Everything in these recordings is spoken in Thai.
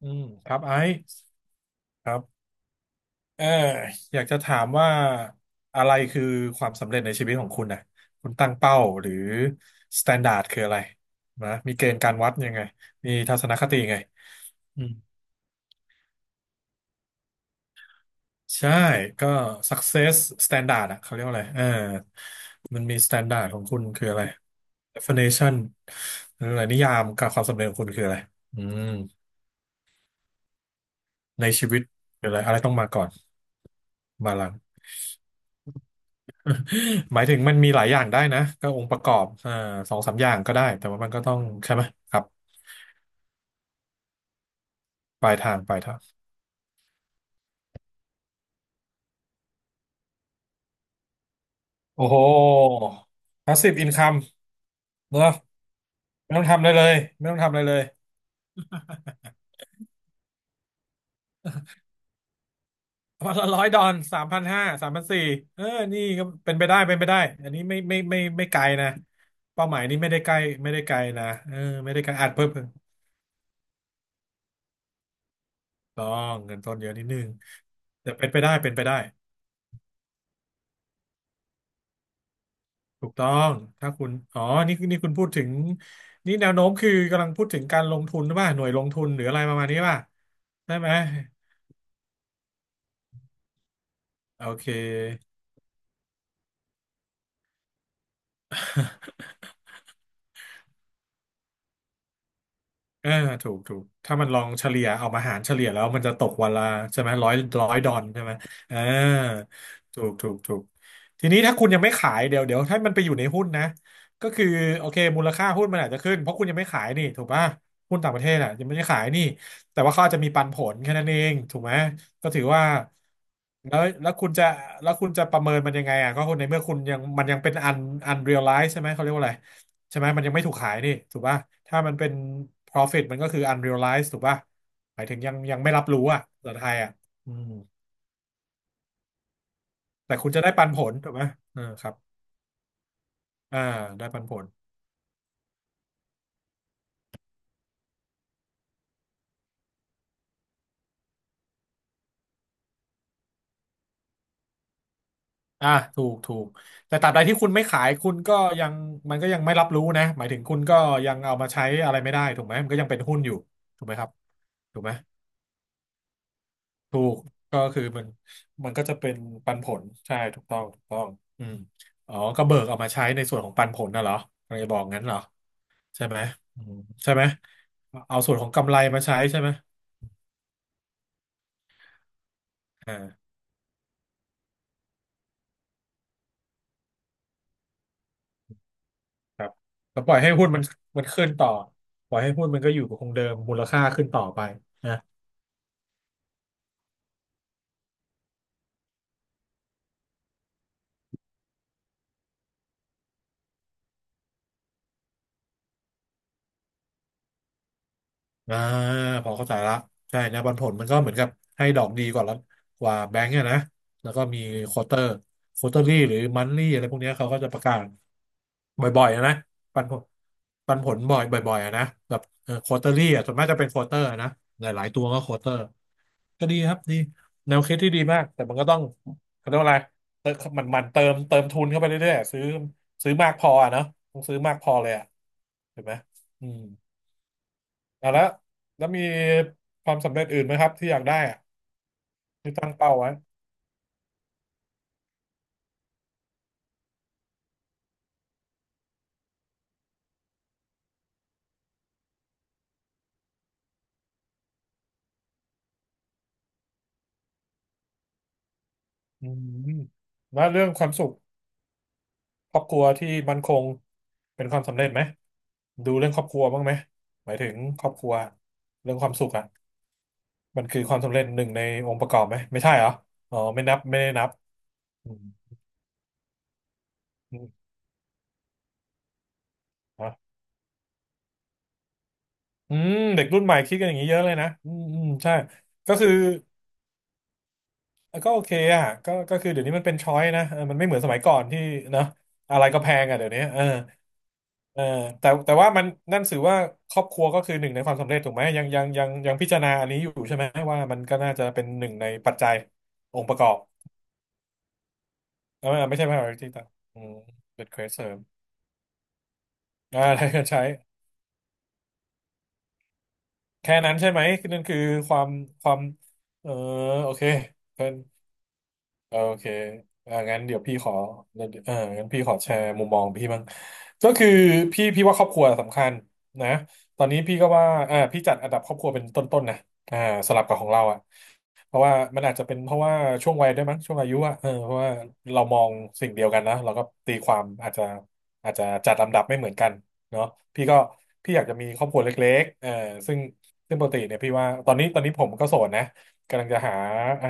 ครับไอซ์ครับเอออยากจะถามว่าอะไรคือความสำเร็จในชีวิตของคุณนะคุณตั้งเป้าหรือสแตนดาร์ดคืออะไรนะมีเกณฑ์การวัดยังไงมีทัศนคติยังไงอืมใช่ก็ success standard อะเขาเรียกว่าอะไรมันมี standard ของคุณคืออะไร definition หรืออะไรนิยามกับความสำเร็จของคุณคืออะไรอืมในชีวิตคืออะไรอะไรต้องมาก่อนมาหลัง หมายถึงมันมีหลายอย่างได้นะก็องค์ประกอบสองสามอย่างก็ได้แต่ว่ามันก็ต้องใช่ไหมครับปลายทางปลายทางโอ้โห passive income เนอะไม่ต้องทำอะไรเลยไม่ต้องทำอะไรเลยวันละร้อยดอนสามพันห้าสามพันสี่เออนี่ก็เป็นไปได้เป็นไปได้อันนี้ไม่ไกลนะเป้าหมายนี้ไม่ได้ใกล้ไม่ได้ไกลนะเออไม่ได้ไกลอาจเพิ่มต้องเงินต้นเยอะนิดนึงแต่เป็นไปได้เป็นไปได้ ถูกต้องถ้าคุณ อ๋อนี่คุณพูดถึง นี่แนวโน้มคือกำลังพูดถึงการลงทุนหรือเปล่าหน่วยลงทุนหรืออะไรประมาณนี้ป่ะได้ไหม โอเค เออถูกถูกถ้ามันลองเฉลี่ยเอามาหารเฉลี่ยแล้วมันจะตกวันละใช่ไหมร้อยร้อยดอลใช่ไหมเออถูกถูกถูกทีนี้ถ้าคุณยังไม่ขายเดี๋ยวถ้ามันไปอยู่ในหุ้นนะก็คือโอเคมูลค่าหุ้นมันอาจจะขึ้นเพราะคุณยังไม่ขายนี่ถูกป่ะหุ้นต่างประเทศอ่ะยังไม่ได้ขายนี่แต่ว่าเขาอาจจะมีปันผลแค่นั้นเองถูกไหมก็ถือว่าแล้วแล้วคุณจะแล้วคุณจะประเมินมันยังไงอ่ะก็คนในเมื่อคุณยังมันยังเป็นอันเรียลไลซ์ใช่ไหมเขาเรียกว่าอะไร ใช่ไหมมันยังไม่ถูกขายนี่ถูกป่ะถ้ามันเป็น profit มันก็คือ unrealized ถูกป่ะหมายถึงยังไม่รับรู้อ่ะภาษาไทยอ่ะอืมแต่คุณจะได้ปันผลถูกไหมเออครับอ่าได้ปันผลอ่าถูกถูกแต่ตราบใดที่คุณไม่ขายคุณก็ยังมันก็ยังไม่รับรู้นะหมายถึงคุณก็ยังเอามาใช้อะไรไม่ได้ถูกไหมมันก็ยังเป็นหุ้นอยู่ถูกไหมครับถูกไหมถูกก็คือมันก็จะเป็นปันผลใช่ถูกต้องถูกต้องอืมอ๋อก็เบิกเอามาใช้ในส่วนของปันผลน่ะเหรอกำลังจะบอกงั้นเหรอ ใช่ไหมอืมใช่ไหมเอาส่วนของกำไรมาใช้ใช่ไหมอ่าครับแล้วปล่อยให้หุ้นมันขึ้นต่อปล่อยให้หุ้นมันก็อยู่คงเดิมมูลค่าขึ้นต่อไปนะ อ่าพอเข้าใจละใช่นะปันผลมันก็เหมือนกับให้ดอกดีกว่าละกว่าแบงก์อะนะแล้วก็มีควอเตอร์ควอเตอรี่หรือมันลี่อะไรพวกเนี้ยเขาก็จะประกาศบ่อยๆอะนะปันผลปันผลบ่อยบ่อยๆอะนะแบบควอเตอรี่อะส่วนมากจะเป็นควอเตอร์นะหลายๆตัวก็ควอเตอร์ก็ดีครับดีแนวคิดที่ดีมากแต่มันก็ต้องเขาเรียกว่าอะไรเติมมันเติมทุนเข้าไปเรื่อยๆซื้อซื้อมากพออะเนาะต้องซื้อมากพอเลยอะถูกไหมอืม อ่ะแล้วมีความสำเร็จอื่นไหมครับที่อยากได้อะที่ตั้งเป้าไว้อืมแล้วเรื่องความสุขครอบครัวที่มั่นคงเป็นความสำเร็จไหมดูเรื่องครอบครัวบ้างไหมหมายถึงครอบครัวเรื่องความสุขอ่ะมันคือความสำเร็จหนึ่งในองค์ประกอบไหมไม่ใช่เหรออ๋อไม่นับไม่ได้นับอืมอืมอ่ะอืมเด็กรุ่นใหม่คิดกันอย่างนี้เยอะเลยนะอืมอืมใช่ก็คือ ก็โอเคอ่ะก็คือเดี๋ยวนี้มันเป็นช้อยนะเออมันไม่เหมือนสมัยก่อนที่เนอะอะไรก็แพงอ่ะเดี๋ยวนี้เออเออแต่ว่ามันนั่นถือว่าครอบครัวก็คือหนึ่งในความสำเร็จถูกไหมยังพิจารณาอันนี้อยู่ใช่ไหมว่ามันก็น่าจะเป็นหนึ่งในปัจจัยองค์ประกอบเออไม่ใช่ที่ต่างอืมเป็นเควสเสริมอ่า อะไรก็ใช้แค่นั้นใช่ไหมนั่นคือความความเออโอเค โอเคงั้นเดี๋ยวพี่ขอเอองั้นพี่ขอแชร์มุมมองพี่บ้างก็คือพี่ว่าครอบครัวสำคัญนะตอนนี้พี่ก็ว่าพี่จัดอันดับครอบครัวเป็นต้นๆนะอ่าสลับกับของเราอ่ะเพราะว่ามันอาจจะเป็นเพราะว่าช่วงวัยด้วยมั้งช่วงอายุอ่ะเออเพราะว่าเรามองสิ่งเดียวกันนะเราก็ตีความอาจจะจัดลำดับไม่เหมือนกันเนาะพี่ก็พี่อยากจะมีครอบครัวเล็กๆเออซึ่งซึ่งปกติเนี่ยพี่ว่าตอนนี้ผมก็โสดนะกำลังจะหาเอ่อ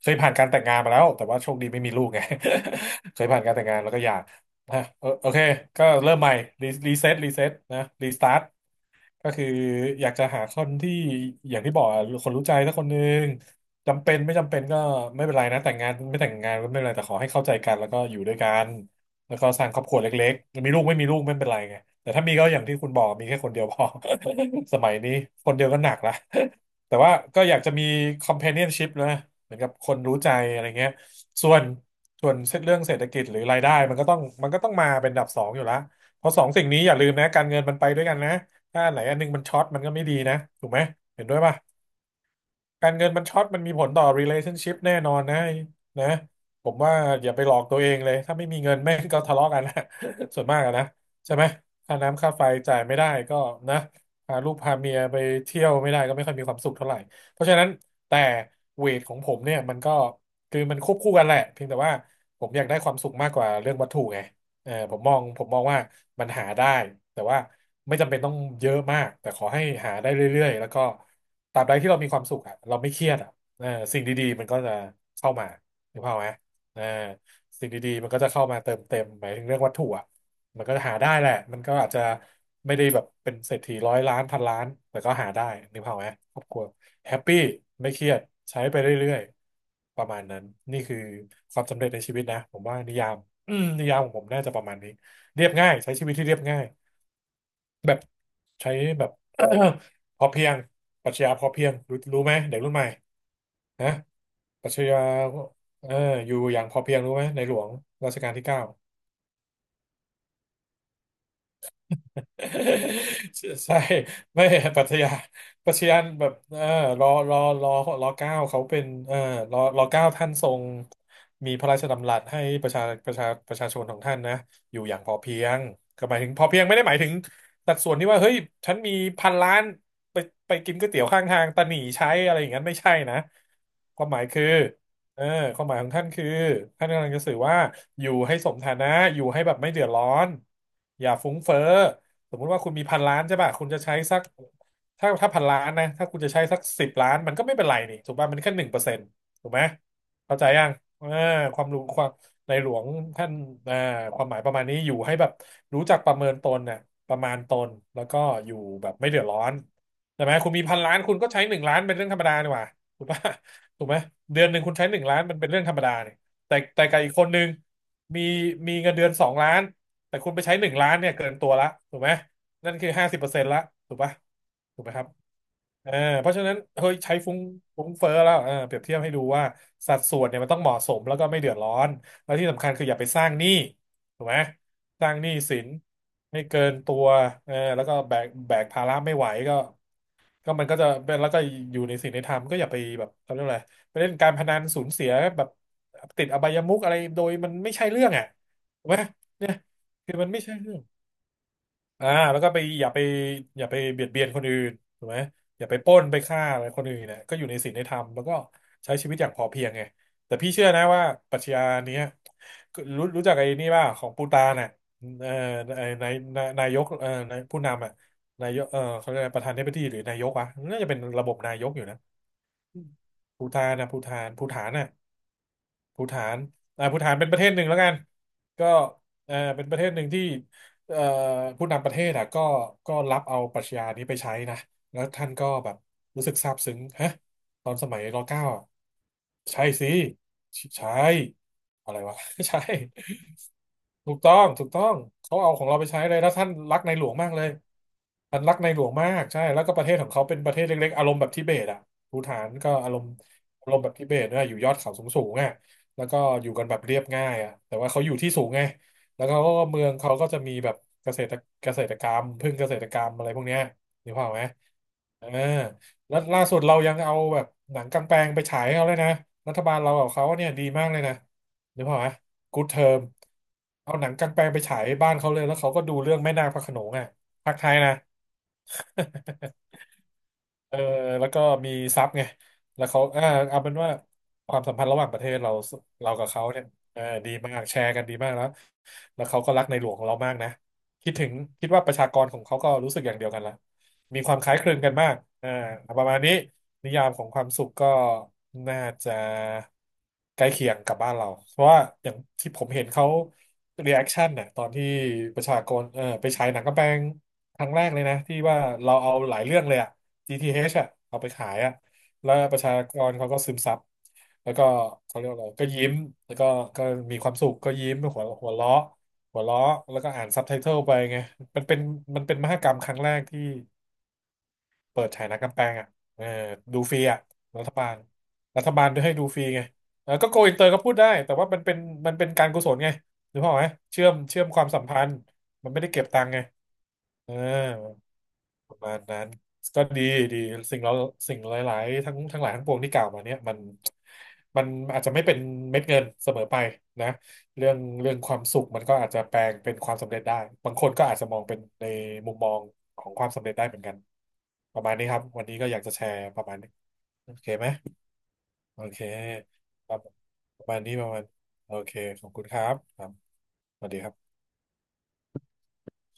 เคยผ่านการแต่งงานมาแล้วแต่ว่าโชคดีไม่มีลูกไง เคยผ่านการแต่งงานแล้วก็หย่านะเออโอเคก็เริ่มใหม่รีเซ็ตนะรีสตาร์ท ก็คืออยากจะหาคนที่อย่างที่บอกอะคนรู้ใจสักคนหนึ่งจำเป็นไม่จำเป็นก็ไม่เป็นไรนะแต่งงานไม่แต่งงานก็ไม่เป็นไรแต่ขอให้เข้าใจกันแล้วก็อยู่ด้วยกันแล้วก็สร้างครอบครัวเล็กๆมีลูกไม่มีลูกไม่เป็นไรไงแต่ถ้ามีก็อย่างที่คุณบอกมีแค่คนเดียวพอ สมัยนี้คนเดียวก็หนักละแต่ว่าก็อยากจะมี companionship นะเหมือนกับคนรู้ใจอะไรเงี้ยส่วนส่วนเรื่องเศรษฐกิจหรือรายได้มันก็ต้องมาเป็นอันดับสองอยู่แล้วเพราะสองสิ่งนี้อย่าลืมนะการเงินมันไปด้วยกันนะ ถ้าอันไหนอันหนึงมันช็อตมันก็ไม่ดีนะถูกไหมเห็นด้วยป่ะการเงินมันช็อตมันมีผลต่อ relationship แน่นอนนะนะผมว่าอย่าไปหลอกตัวเองเลยถ้าไม่มีเงินแม่งก็ทะเลาะกันนะ ส่วนมากอะนะใช่ไหมค่าน้ำค่าไฟจ่ายไม่ได้ก็นะพาลูกพาเมียไปเที่ยวไม่ได้ก็ไม่ค่อยมีความสุขเท่าไหร่เพราะฉะนั้นแต่เวทของผมเนี่ยมันก็คือมันควบคู่กันแหละเพียงแต่ว่าผมอยากได้ความสุขมากกว่าเรื่องวัตถุไง เออผมมองผมมองว่ามันหาได้แต่ว่าไม่จำเป็นต้องเยอะมากแต่ขอให้หาได้เรื่อยๆแล้วก็ตราบใดที่เรามีความสุขอะเราไม่เครียดอะเออสิ่งดีๆมันก็จะเข้ามาถูกเปล่าพไหมเออสิ่งดีๆมันก็จะเข้ามาเติมเต็มหมายถึงเรื่องวัตถุอะมันก็จะหาได้แหละมันก็อาจจะไม่ได้แบบเป็นเศรษฐีร้อยล้านพันล้านแต่ก็หาได้นึกภาพไหมครอบครัวแฮปปี้ไม่เครียดใช้ไปเรื่อยๆประมาณนั้นนี่คือความสำเร็จในชีวิตนะผมว่านิยาม อืมนิยามของผมน่าจะประมาณนี้เรียบง่ายใช้ชีวิตที่เรียบง่ายแบบใช้แบบ พอเพียงปรัชญาพอเพียงรู้รู้ไหมเด็กรุ่นใหม่นะปรัชญาเอออยู่อย่างพอเพียงรู้ไหมในหลวงรัชกาลที่ 9 ใช่ไม่ปรัชญาปรัชญาแบบเออรอรอรอรอเก้าเขาเป็นเออรอเก้าท่านทรงมีพระราชดำรัสให้ประชาชนของท่านนะอยู่อย่างพอเพียงก็หมายถึงพอเพียงไม่ได้หมายถึงสัดส่วนที่ว่าเฮ้ยฉันมีพันล้านไปไปกินก๋วยเตี๋ยวข้างทางตะหนี่ใช้อะไรอย่างนั้นไม่ใช่นะความหมายคือเออความหมายของท่านคือท่านกำลังจะสื่อว่าอยู่ให้สมฐานะอยู่ให้แบบไม่เดือดร้อนอย่าฟุ้งเฟ้อ สมมุติว่าคุณมีพันล้านใช่ป่ะคุณจะใช้สักถ้าพันล้านนะถ้าคุณจะใช้สัก10 ล้านมันก็ไม่เป็นไรนี่ถูกป่ะมันแค่1%ถูกไหมเข้าใจยังเออความรู้ความในหลวงท่านเอ่อความหมายประมาณนี้อยู่ให้แบบรู้จักประเมินตนน่ะประมาณตนแล้วก็อยู่แบบไม่เดือดร้อนใช่ไหมคุณมีพันล้านคุณก็ใช้หนึ่งล้านเป็นเรื่องธรรมดานี่หว่าถูกป่ะถูกไหมเดือนหนึ่งคุณใช้หนึ่งล้านมันเป็นเรื่องธรรมดาเนี่ยแต่แต่กับอีกคนนึงมีมีเงินเดือน2 ล้าน แต่คุณไปใช้1 ล้านเนี่ยเกินตัวละถูกไหมนั่นคือ50%ละถูกปะถูกไหมครับเออเพราะฉะนั้นเฮ้ยใช้ฟุ้งเฟ้อแล้วเออเปรียบเทียบให้ดูว่าสัดส่วนเนี่ยมันต้องเหมาะสมแล้วก็ไม่เดือดร้อนแล้วที่สำคัญคืออย่าไปสร้างหนี้ถูกไหมสร้างหนี้สินให้เกินตัวเออแล้วก็แบกภาระไม่ไหวก็ ก็มันก็จะเป็นแล้วก็อยู่ในสิ่งในธรรมก็อย่าไปแบบเขาเรียกอะไรไปเล่นการพนันสูญเสียแบบติดอบายมุขอะไรโดยมันไม่ใช่เรื่องอ่ะถูกไหมเนี่ยคือมันไม่ใช่เรื่อง อ่าแล้วก็ไปอย่าไปอย่าไปเบียดเบียนคนอื่นถูกไหมอย่าไปปล้นไปฆ่าอะไรคนอื่นเนี่ยก็อยู่ในศีลในธรรมแล้วก็ใช้ชีวิตอย่างพอเพียงไงแต่พี่เชื่อนะว่าปรัชญาเนี้ยรู้จักไอ้นี่ป่ะของปูตานน่ะเอ่อไอ้นายกนายผู้นำอ่ะนายกเขาเรียกอะไรประธานาธิบดีหรือนายกวะน่าจะเป็นระบบนายกอยู่นะปูตานนะปูตานปูฐานน่ะ ภูฏานอ่าภูฏานเป็นประเทศหนึ่งแล้วกันก็เป็นประเทศหนึ่งที่เอ่อผู้นำประเทศอ่ะก็ก็รับเอาปรัชญานี้ไปใช้นะแล้วท่านก็แบบรู้สึกซาบซึ้งฮะตอนสมัยรเก้าอะใช่สิใช่อะไรวะ ใช่ถูกต้องถูกต้องเขาเอาของเราไปใช้เลยแล้วท่านรักในหลวงมากเลยท่านรักในหลวงมากใช่แล้วก็ประเทศของเขาเป็นประเทศเล็กๆอารมณ์แบบทิเบตอ่ะภูฏานก็อารมณ์อารมณ์แบบทิเบตนะอยู่ยอดเขาสูงๆอ่ะ แล้วก็อยู่กันแบบเรียบง่ายอ่ะแต่ว่าเขาอยู่ที่สูงไงแล้วเขาก็เมืองเขาก็จะมีแบบเกษตรเกษตรกรรมพึ่งเกษตรกรรมอะไรพวกเนี้ยนึกภาพไหมเออแล้วล่าสุดเรายังเอาแบบหนังกางแปลงไปฉายให้เขาเลยนะรัฐบาลเรากับเขาเนี่ยดีมากเลยนะนึกภาพไหมกู๊ดเทอมเอาหนังกางแปลงไปฉายบ้านเขาเลยแล้วเขาก็ดูเรื่องแม่นาคพระโขนงอ่ะภาคไทยนะ เออแล้วก็มีซับไงแล้วเขาอ่าเอาเป็นว่าความสัมพันธ์ระหว่างประเทศเราเรากับเขาเนี่ยเออดีมากแชร์กันดีมากแล้วแล้วเขาก็รักในหลวงของเรามากนะคิดถึงคิดว่าประชากรของเขาก็รู้สึกอย่างเดียวกันละมีความคล้ายคลึงกันมากอ่าประมาณนี้นิยามของความสุขก็น่าจะใกล้เคียงกับบ้านเราเพราะว่าอย่างที่ผมเห็นเขารีแอคชั่นน่ะตอนที่ประชากรไปฉายหนังกำแพงครั้งแรกเลยนะที่ว่าเราเอาหลายเรื่องเลยอะ GTH อชอ่ะเอาไปขายอ่ะแล้วประชากรเขาก็ซึมซับ แล้วก็เขาเรียกว่าอะไรก็ยิ้มแล้วก็ก็มีความสุขก็ยิ้มหัวเราะหัวเราะแล้วก็อ่านซับไตเติลไปไงมันเป็นมันเป็นมหกรรมครั้งแรกที่เปิดฉายหนังกลางแปลงอ่ะเออดูฟรีอ่ะรัฐบาล รัฐบาลด้วยให้ดูฟรีไงแล้วก็โกอินเตอร์ก็พูดได้ แต่ว่ามันเป็นการกุศลไงนึกภาพออกไหมเชื่อมความสัมพันธ์ มันไม่ได้เก็บตังค์ไงเออ ประมาณนั้นก็ดีดีสิ่งเราสิ่งหลายๆทั้งหลายทั้งปวงที่กล่าวมาเนี่ยมันมันอาจจะไม่เป็นเม็ดเงินเสมอไปนะเรื่องความสุขมันก็อาจจะแปลงเป็นความสำเร็จได้บางคนก็อาจจะมองเป็นในมุมมองของความสำเร็จได้เหมือนกันประมาณนี้ครับวันนี้ก็อยากจะแชร์ประมาณนี้โอเคไหมโอเคครับประมาณนี้ประมาณโอเคขอบคุณครับครับสวัสดีครับ